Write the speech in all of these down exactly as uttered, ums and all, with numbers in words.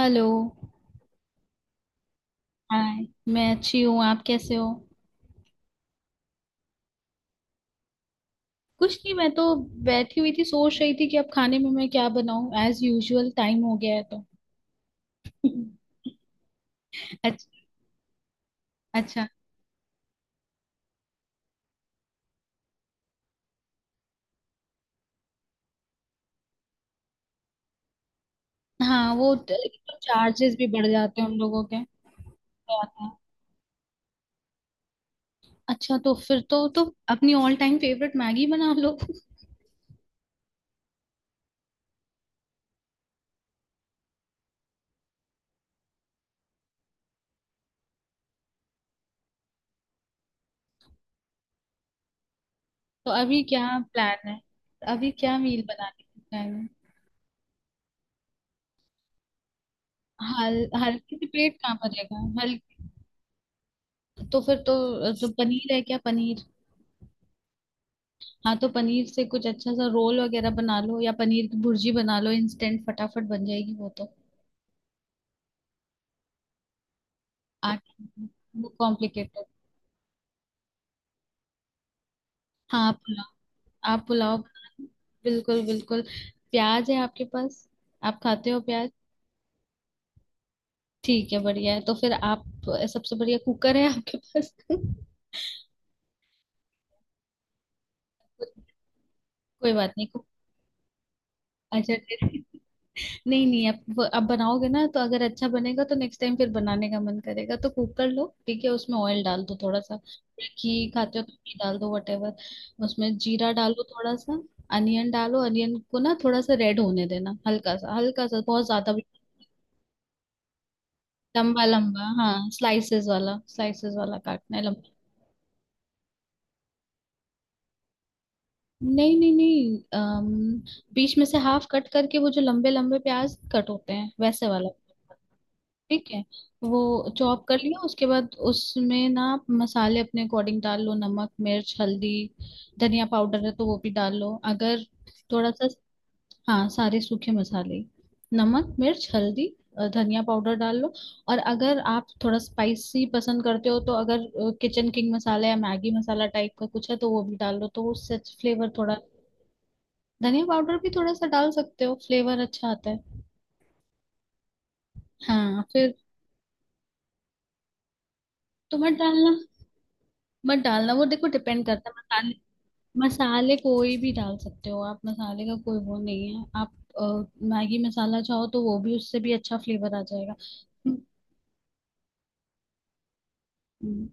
Hello. Hi. मैं अच्छी हूँ, आप कैसे हो? कुछ नहीं, मैं तो बैठी हुई थी, सोच रही थी कि अब खाने में मैं क्या बनाऊं, एज यूजुअल टाइम हो गया है तो अच्छा। अच्छा। हाँ, वो चार्जेस भी बढ़ जाते हैं उन लोगों के तो आता है। अच्छा, तो फिर तो तो अपनी ऑल टाइम फेवरेट मैगी बना लो तो अभी क्या प्लान है? अभी क्या मील बनाने का प्लान है? हल हल्के से पेट कहाँ भरेगा? हल तो फिर तो जो पनीर है, क्या पनीर? हाँ तो पनीर से कुछ अच्छा सा रोल वगैरह बना लो, या पनीर की भुर्जी बना लो, इंस्टेंट फटाफट बन जाएगी वो तो। आट वो कॉम्प्लिकेटेड। हाँ आप पुलाव। आप पुलाव बिल्कुल बिल्कुल। प्याज है आपके पास? आप खाते हो प्याज? ठीक है, बढ़िया है, तो फिर आप सबसे बढ़िया कुकर है आपके पास कोई बात नहीं, कुक। अच्छा। नहीं नहीं, अब अब बनाओगे ना तो अगर अच्छा बनेगा तो नेक्स्ट टाइम फिर बनाने का मन करेगा। तो कुकर लो, ठीक है, उसमें ऑयल डाल दो थोड़ा सा। घी खाते हो तो घी डाल दो, वटेवर। उसमें जीरा डालो थोड़ा सा। अनियन डालो, अनियन को ना थोड़ा सा रेड होने देना, हल्का सा, हल्का सा, बहुत ज्यादा भी। लंबा लंबा, हाँ, स्लाइसेस वाला, स्लाइसेस वाला काटना है लंबा। नहीं नहीं नहीं, अम, बीच में से हाफ कट करके वो जो लंबे लंबे प्याज कट होते हैं वैसे वाला। ठीक है। वो चॉप कर लिया, उसके बाद उसमें ना आप मसाले अपने अकॉर्डिंग डाल लो, नमक मिर्च हल्दी। धनिया पाउडर है तो वो भी डाल लो, अगर, थोड़ा सा। हाँ सारे सूखे मसाले, नमक मिर्च हल्दी, अ, धनिया पाउडर डाल लो। और अगर आप थोड़ा स्पाइसी पसंद करते हो, तो अगर किचन किंग मसाला या मैगी मसाला टाइप का कुछ है तो वो भी डाल लो, तो उससे फ्लेवर थोड़ा। धनिया पाउडर भी थोड़ा सा डाल सकते हो, फ्लेवर अच्छा आता है। हाँ फिर। तो मत डालना। मत डालना, वो देखो डिपेंड करता है। मसाले कोई भी डाल सकते हो आप, मसाले का कोई वो नहीं है आप। अ, मैगी मसाला चाहो तो वो भी, उससे भी अच्छा फ्लेवर आ जाएगा। हम्म,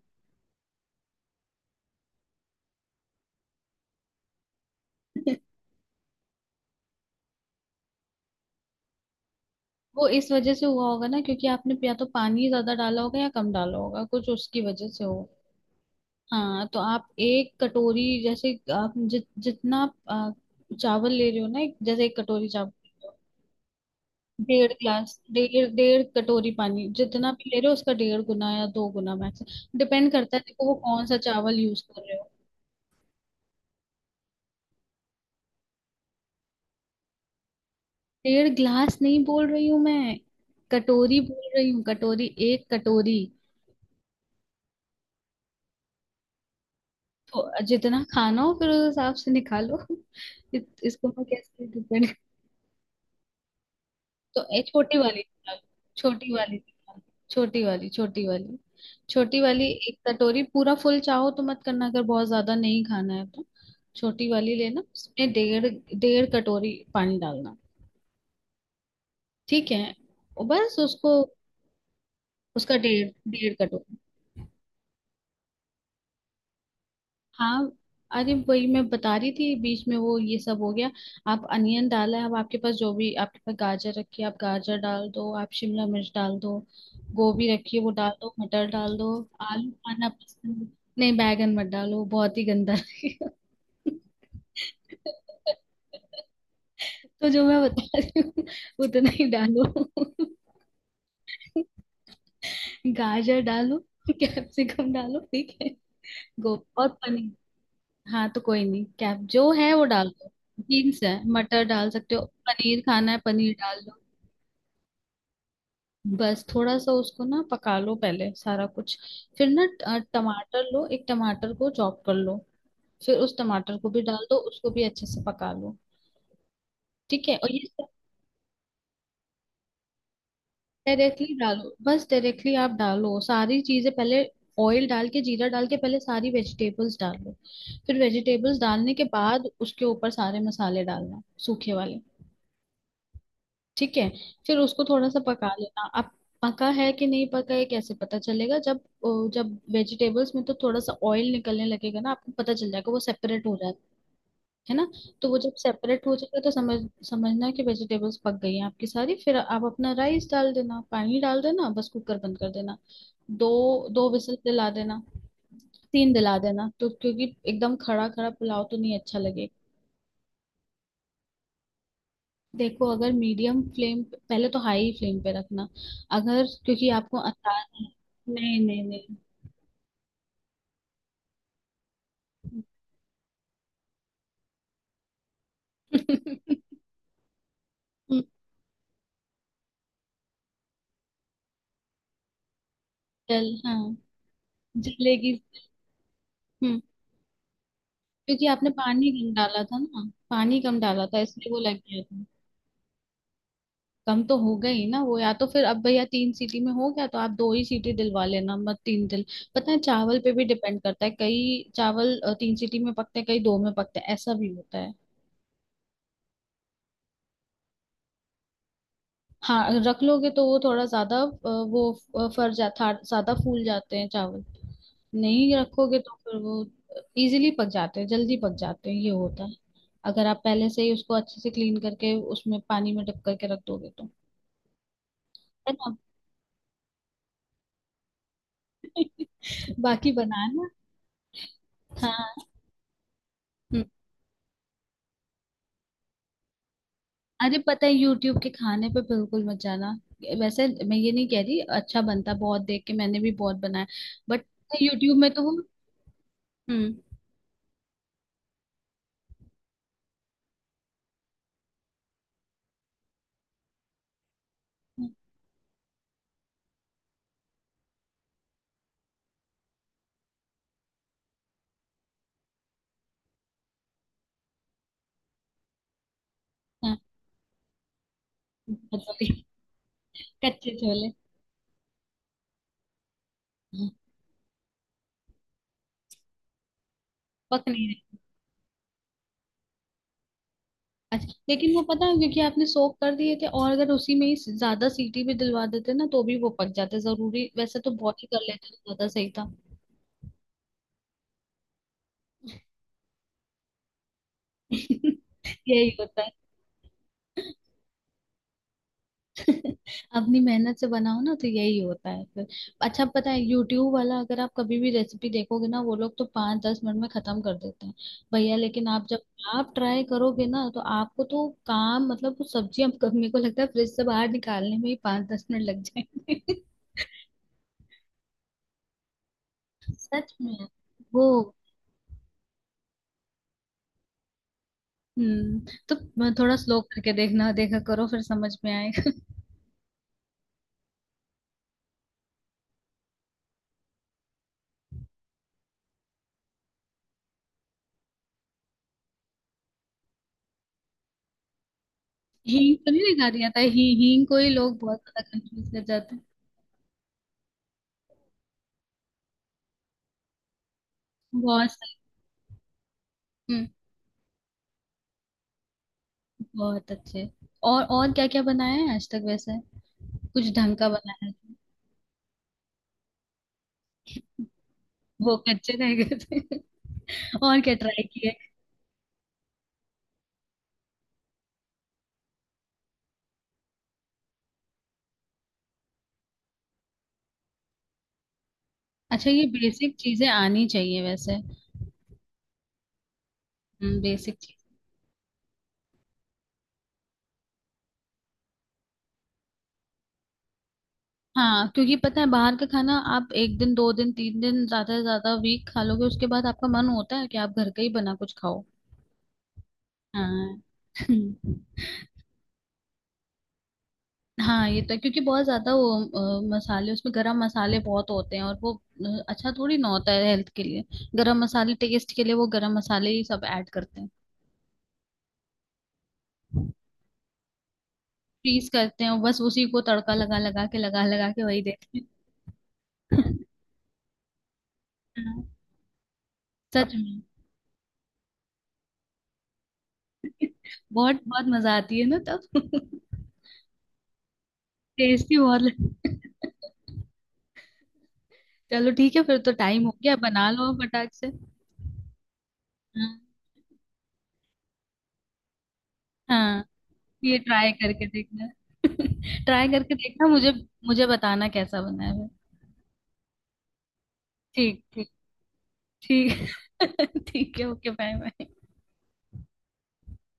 वो इस वजह से हुआ होगा ना, क्योंकि आपने या तो पानी ज्यादा डाला होगा या कम डाला होगा, कुछ उसकी वजह से हो। हाँ तो आप एक कटोरी, जैसे आप जित जितना आप, अ, चावल ले रहे हो ना, एक जैसे एक कटोरी चावल। डेढ़ ग्लास, डेढ़ डेढ़ कटोरी पानी, जितना भी ले रहे हो उसका डेढ़ गुना या दो गुना मैक्स। डिपेंड करता है, देखो वो कौन सा चावल यूज कर रहे हो। डेढ़ ग्लास नहीं बोल रही हूँ मैं, कटोरी बोल रही हूँ, कटोरी, एक कटोरी। तो जितना खाना हो फिर उस हिसाब से निकालो इत, इसको मैं कैसे डिपेंड? तो ए, छोटी वाली निकालो, छोटी वाली निकालो, छोटी वाली, छोटी वाली। छोटी वाली एक कटोरी पूरा फुल चाहो तो मत करना, अगर बहुत ज्यादा नहीं खाना है तो। छोटी वाली लेना, उसमें डेढ़, डेढ़ कटोरी पानी डालना। ठीक है। और बस उसको, उसका डेढ़, डेढ़ कटोरी। हाँ, अरे वही मैं बता रही थी, बीच में वो ये सब हो गया। आप अनियन डाला है, अब आपके पास जो भी आपके पास गाजर रखी है आप गाजर डाल दो, आप शिमला मिर्च डाल दो, गोभी रखी है वो डाल दो, मटर डाल दो। आलू खाना पसंद? नहीं, बैगन मत डालो, वो बहुत ही गंदा लगेगा तो जो मैं बता रही हूँ उतना ही डालो गाजर डालो, कैप्सिकम डालो, ठीक है। गो और पनीर। हाँ तो कोई नहीं, कैप जो है वो डाल दो। बीन्स है, मटर डाल सकते हो, पनीर खाना है पनीर डाल दो। बस थोड़ा सा उसको ना पका लो पहले सारा कुछ। फिर ना ट- अ, टमाटर लो, एक टमाटर को चॉप कर लो। फिर उस टमाटर को भी डाल दो, उसको भी अच्छे से पका लो। ठीक है। और ये सब डायरेक्टली डालो, बस डायरेक्टली आप डालो सारी चीजें पहले। ऑयल डाल के, जीरा डाल के पहले सारी वेजिटेबल्स डाल लो। फिर वेजिटेबल्स डालने के बाद उसके ऊपर सारे मसाले डालना, सूखे वाले। ठीक है। फिर उसको थोड़ा सा पका लेना अब। पका है कि नहीं पका है कैसे पता चलेगा? जब ओ, जब वेजिटेबल्स में तो थोड़ा सा ऑयल निकलने लगेगा ना, आपको पता चल जाएगा, वो सेपरेट हो रहा है है ना। तो वो जब सेपरेट हो जाएगा तो समझ समझना कि वेजिटेबल्स पक गई हैं आपकी सारी, फिर आप अपना राइस डाल देना, पानी डाल देना, बस कुकर बंद कर देना। दो दो विसल दिला देना, तीन दिला देना, तो क्योंकि एकदम खड़ा खड़ा पुलाव तो नहीं अच्छा लगेगा। देखो, अगर मीडियम फ्लेम पहले, तो हाई फ्लेम पे रखना, अगर, क्योंकि आपको आसान है। नहीं नहीं नहीं हम्म, जल, हाँ, जलेगी। हम्म क्योंकि आपने पानी कम डाला था ना। पानी कम डाला था इसलिए वो लग गया था। कम तो हो गई ना वो, या तो फिर अब भैया तीन सीटी में हो गया तो आप दो ही सीटी दिलवा लेना, मत तीन दिल पता है, चावल पे भी डिपेंड करता है, कई चावल अ, तीन सीटी में पकते हैं, कई दो में पकते हैं, ऐसा भी होता है। हाँ, रख लोगे तो वो थोड़ा ज्यादा, अ, वो अ, फर जाता ज्यादा फूल जाते हैं चावल। नहीं रखोगे तो फिर वो इजीली पक जाते हैं, जल्दी पक जाते हैं, ये होता है। अगर आप पहले से ही उसको अच्छे से क्लीन करके उसमें पानी में डुब करके रख दोगे तो। है ना। बाकी बनाना। हाँ। हम्म। अरे पता है, यूट्यूब के खाने पे बिल्कुल मत जाना। वैसे मैं ये नहीं कह रही अच्छा बनता है, बहुत देख के मैंने भी बहुत बनाया, बट। यूट्यूब में तो वो हम्म। हाँ, कच्चे छोले। हाँ, पक नहीं रहे। अच्छा, लेकिन वो पता है, क्योंकि आपने सोक कर दिए थे, और अगर उसी में ही ज्यादा सीटी भी दिलवा देते ना तो भी वो पक जाते, जरूरी, वैसे तो बहुत ही कर लेते तो ज्यादा सही था। यही होता है अपनी मेहनत से बनाओ ना तो यही होता है फिर। अच्छा पता है, यूट्यूब वाला अगर आप कभी भी रेसिपी देखोगे ना, वो लोग तो पाँच दस मिनट में खत्म कर देते हैं, भैया। लेकिन आप जब आप ट्राई करोगे ना तो आपको तो काम, मतलब वो सब्जी, हम मेरे को लगता है फ्रिज से बाहर निकालने में ही पाँच दस मिनट लग जाएंगे। सच में। वो हम्म तो थोड़ा स्लो करके देखना, देखा करो, फिर समझ में आएगा हींग तो नहीं निकाल रही, आता है, ही, हींग को ही लोग बहुत ज्यादा कंफ्यूज कर जाते हैं। बहुत सही। हम्म। बहुत अच्छे। और और क्या क्या बनाया है आज तक वैसे, कुछ ढंग का बनाया है? वो कच्चे रह गए थे और क्या ट्राई किए? अच्छा, ये बेसिक चीजें आनी चाहिए वैसे। हम्म, बेसिक चीज। हाँ क्योंकि पता है, बाहर का खाना आप एक दिन दो दिन तीन दिन ज्यादा से ज्यादा वीक खा लोगे, उसके बाद आपका मन होता है कि आप घर का ही बना कुछ खाओ। हाँ हाँ ये तो है, क्योंकि बहुत ज्यादा वो अ, मसाले, उसमें गरम मसाले बहुत होते हैं, और वो अ, अच्छा थोड़ी ना होता है हेल्थ के लिए। गरम मसाले टेस्ट के लिए वो गरम मसाले ही सब ऐड करते हैं। फ्रीज करते हैं और बस उसी को तड़का लगा लगा के, लगा लगा के वही देते हैं हाँ, सच में बहुत बहुत मजा आती है ना तब टेस्टी बहुत लगता है। चलो ठीक है, फिर तो टाइम हो गया, बना लो फटाक से। हाँ हाँ। ये ट्राई करके देखना ट्राई करके देखना, मुझे मुझे बताना कैसा बना है। ठीक ठीक। ठीक ठीक है, ओके, बाय बाय।